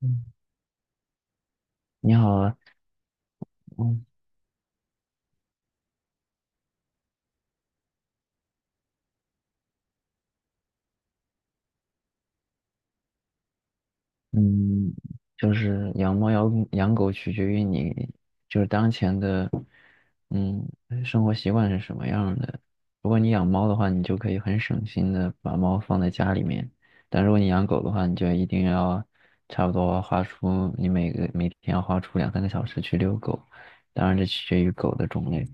嗯，你好啊，嗯嗯，就是养猫养狗取决于你就是当前的嗯生活习惯是什么样的。如果你养猫的话，你就可以很省心的把猫放在家里面；但如果你养狗的话，你就一定要差不多花出你每天要花出两三个小时去遛狗。当然，这取决于狗的种类。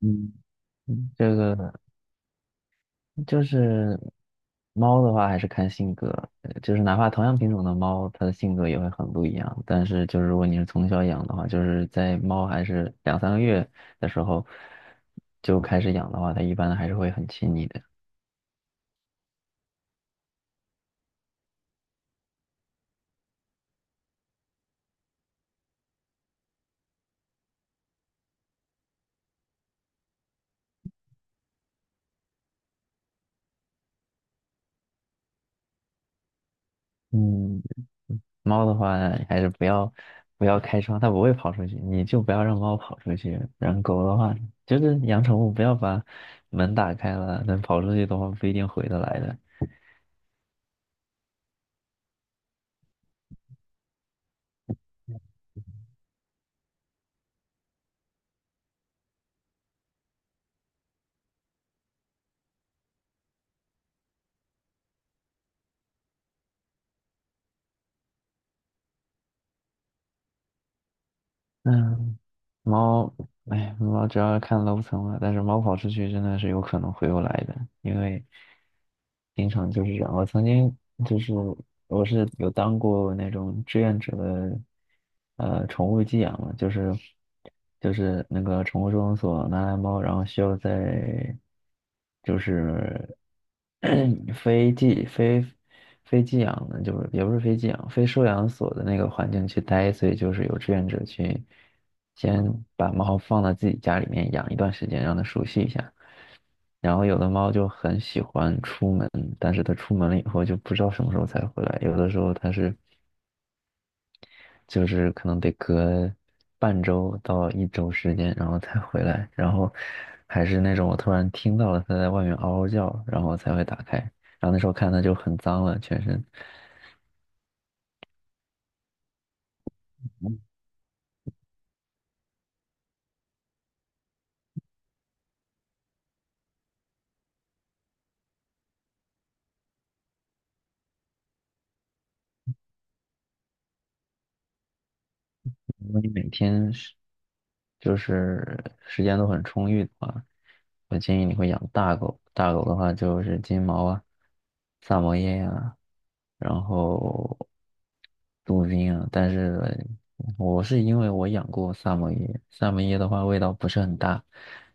嗯，这个。就是猫的话，还是看性格，就是哪怕同样品种的猫，它的性格也会很不一样。但是，就是如果你是从小养的话，就是在猫还是两三个月的时候就开始养的话，它一般还是会很亲你的。嗯，猫的话还是不要开窗，它不会跑出去，你就不要让猫跑出去。然后狗的话，就是养宠物不要把门打开了，但跑出去的话不一定回得来的。嗯。猫，哎，猫主要是看楼层了，但是猫跑出去真的是有可能回不来的，因为经常就是这样。我曾经就是我是有当过那种志愿者的，宠物寄养嘛，就是那个宠物收容所拿来猫，然后需要在就是 非寄非非寄养的，就是也不是非寄养，非收养所的那个环境去待，所以就是有志愿者去先把猫放到自己家里面养一段时间，让它熟悉一下。然后有的猫就很喜欢出门，但是它出门了以后就不知道什么时候才回来，有的时候它是。就是可能得隔半周到一周时间，然后才回来，然后还是那种我突然听到了它在外面嗷嗷叫，然后才会打开，然后那时候看它就很脏了，全身。如果你每天是就是时间都很充裕的话，我建议你会养大狗。大狗的话就是金毛啊、萨摩耶呀，然后杜宾啊。但是我是因为我养过萨摩耶，萨摩耶的话味道不是很大，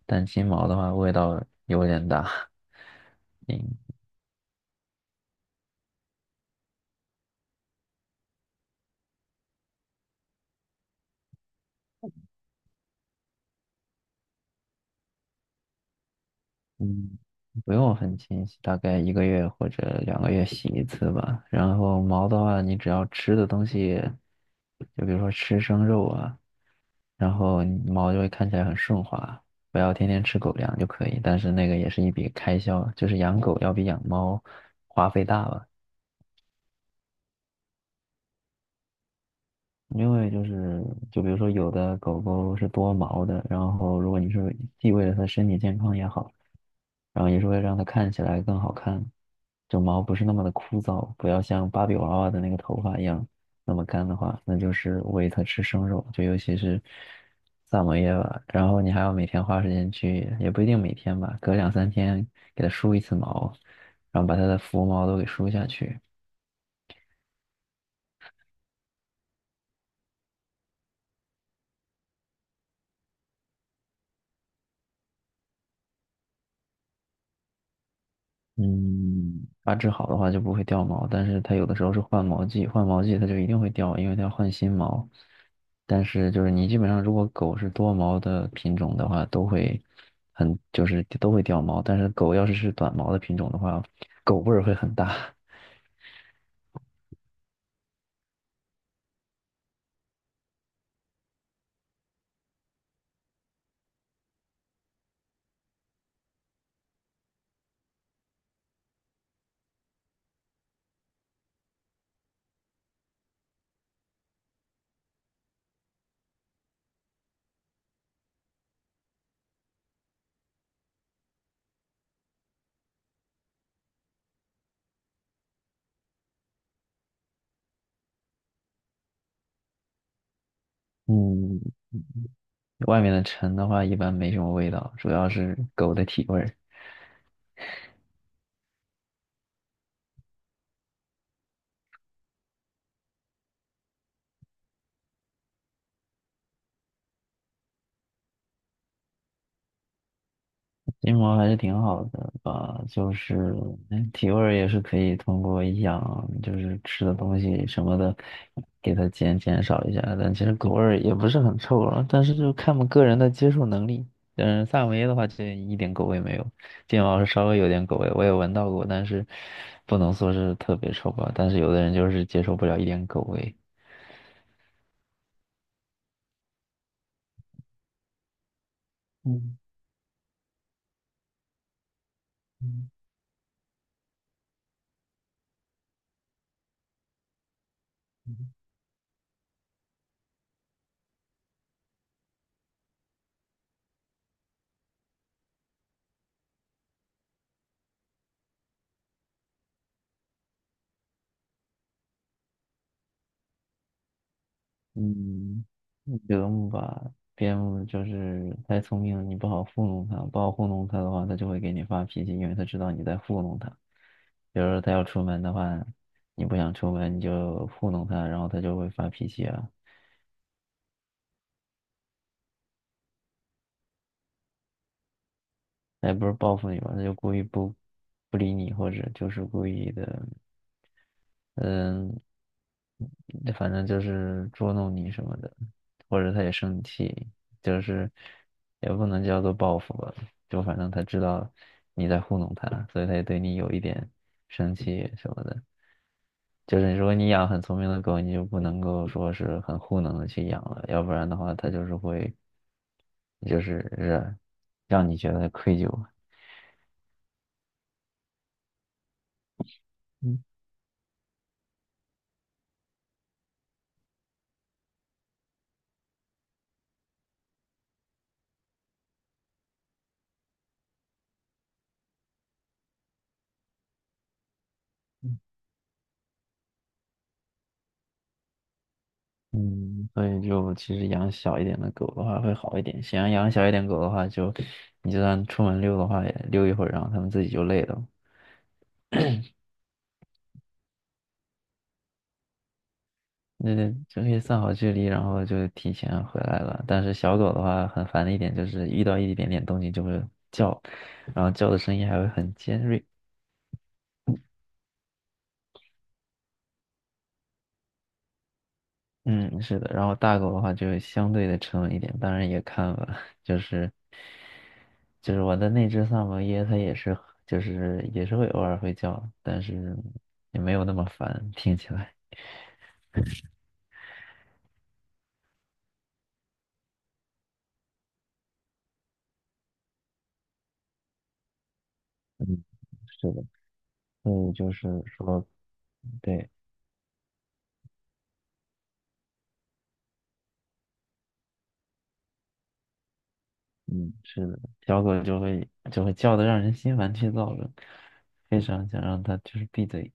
但金毛的话味道有点大。嗯嗯，不用很勤洗，大概一个月或者两个月洗一次吧。然后毛的话，你只要吃的东西，就比如说吃生肉啊，然后你毛就会看起来很顺滑。不要天天吃狗粮就可以，但是那个也是一笔开销，就是养狗要比养猫花费大吧。因为就是，就比如说有的狗狗是多毛的，然后如果你是既为了它身体健康也好，然后也是为了让它看起来更好看，就毛不是那么的枯燥，不要像芭比娃娃的那个头发一样那么干的话，那就是喂它吃生肉，就尤其是萨摩耶吧。然后你还要每天花时间去，也不一定每天吧，隔两三天给它梳一次毛，然后把它的浮毛都给梳下去。嗯，把治好的话就不会掉毛，但是它有的时候是换毛季，换毛季它就一定会掉，因为它要换新毛。但是就是你基本上如果狗是多毛的品种的话，都会很就是都会掉毛，但是狗要是是短毛的品种的话，狗味儿会很大。嗯，外面的尘的话一般没什么味道，主要是狗的体味儿。金毛还是挺好的吧，就是体味儿也是可以通过养，就是吃的东西什么的，给它减少一下。但其实狗味儿也不是很臭了，但是就看我们个人的接受能力。嗯，萨摩耶的话就一点狗味没有，金毛是稍微有点狗味，我也闻到过，但是不能说是特别臭吧。但是有的人就是接受不了一点狗味。嗯嗯嗯，德牧吧，边牧就是太聪明了，你不好糊弄它，不好糊弄它的话，它就会给你发脾气，因为它知道你在糊弄它。比如说它要出门的话，你不想出门，你就糊弄它，然后它就会发脾气啊。它也不是报复你吧，它就故意不理你，或者就是故意的，嗯，反正就是捉弄你什么的，或者他也生气，就是也不能叫做报复吧，就反正他知道你在糊弄他，所以他也对你有一点生气什么的。就是如果你养很聪明的狗，你就不能够说是很糊弄的去养了，要不然的话，它就是会，就是让你觉得愧疚。嗯嗯，所以就其实养小一点的狗的话会好一点。想要养小一点狗的话就，你就算出门溜的话，也溜一会儿，然后它们自己就累了。那就可以算好距离，然后就提前回来了。但是小狗的话，很烦的一点就是遇到一点点动静就会叫，然后叫的声音还会很尖锐。嗯，是的，然后大狗的话就相对的沉稳一点，当然也看了，就是就是我的那只萨摩耶，它也是就是也是会偶尔会叫，但是也没有那么烦，听起来。嗯，是的，所以就是说，对，嗯，是的，小狗就会叫的让人心烦气躁的，非常想让它就是闭嘴。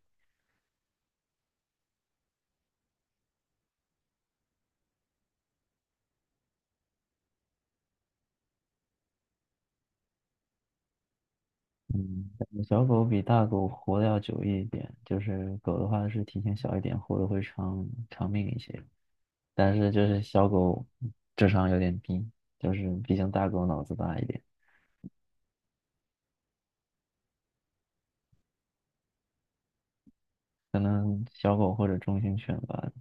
嗯，小狗比大狗活的要久一点，就是狗的话是体型小一点，活的会长长命一些。但是就是小狗智商有点低，就是毕竟大狗脑子大一点，可能小狗或者中型犬吧，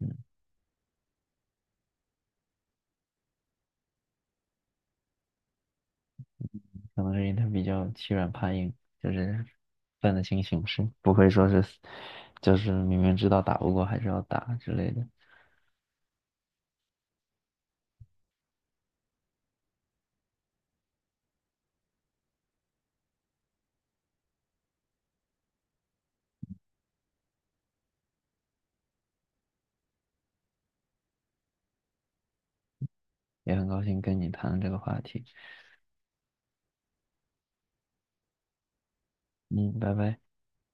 嗯，可能是因为它比较欺软怕硬，就是分得清形势，不会说是就是明明知道打不过还是要打之类的。也很高兴跟你谈论这个话题，嗯，拜拜。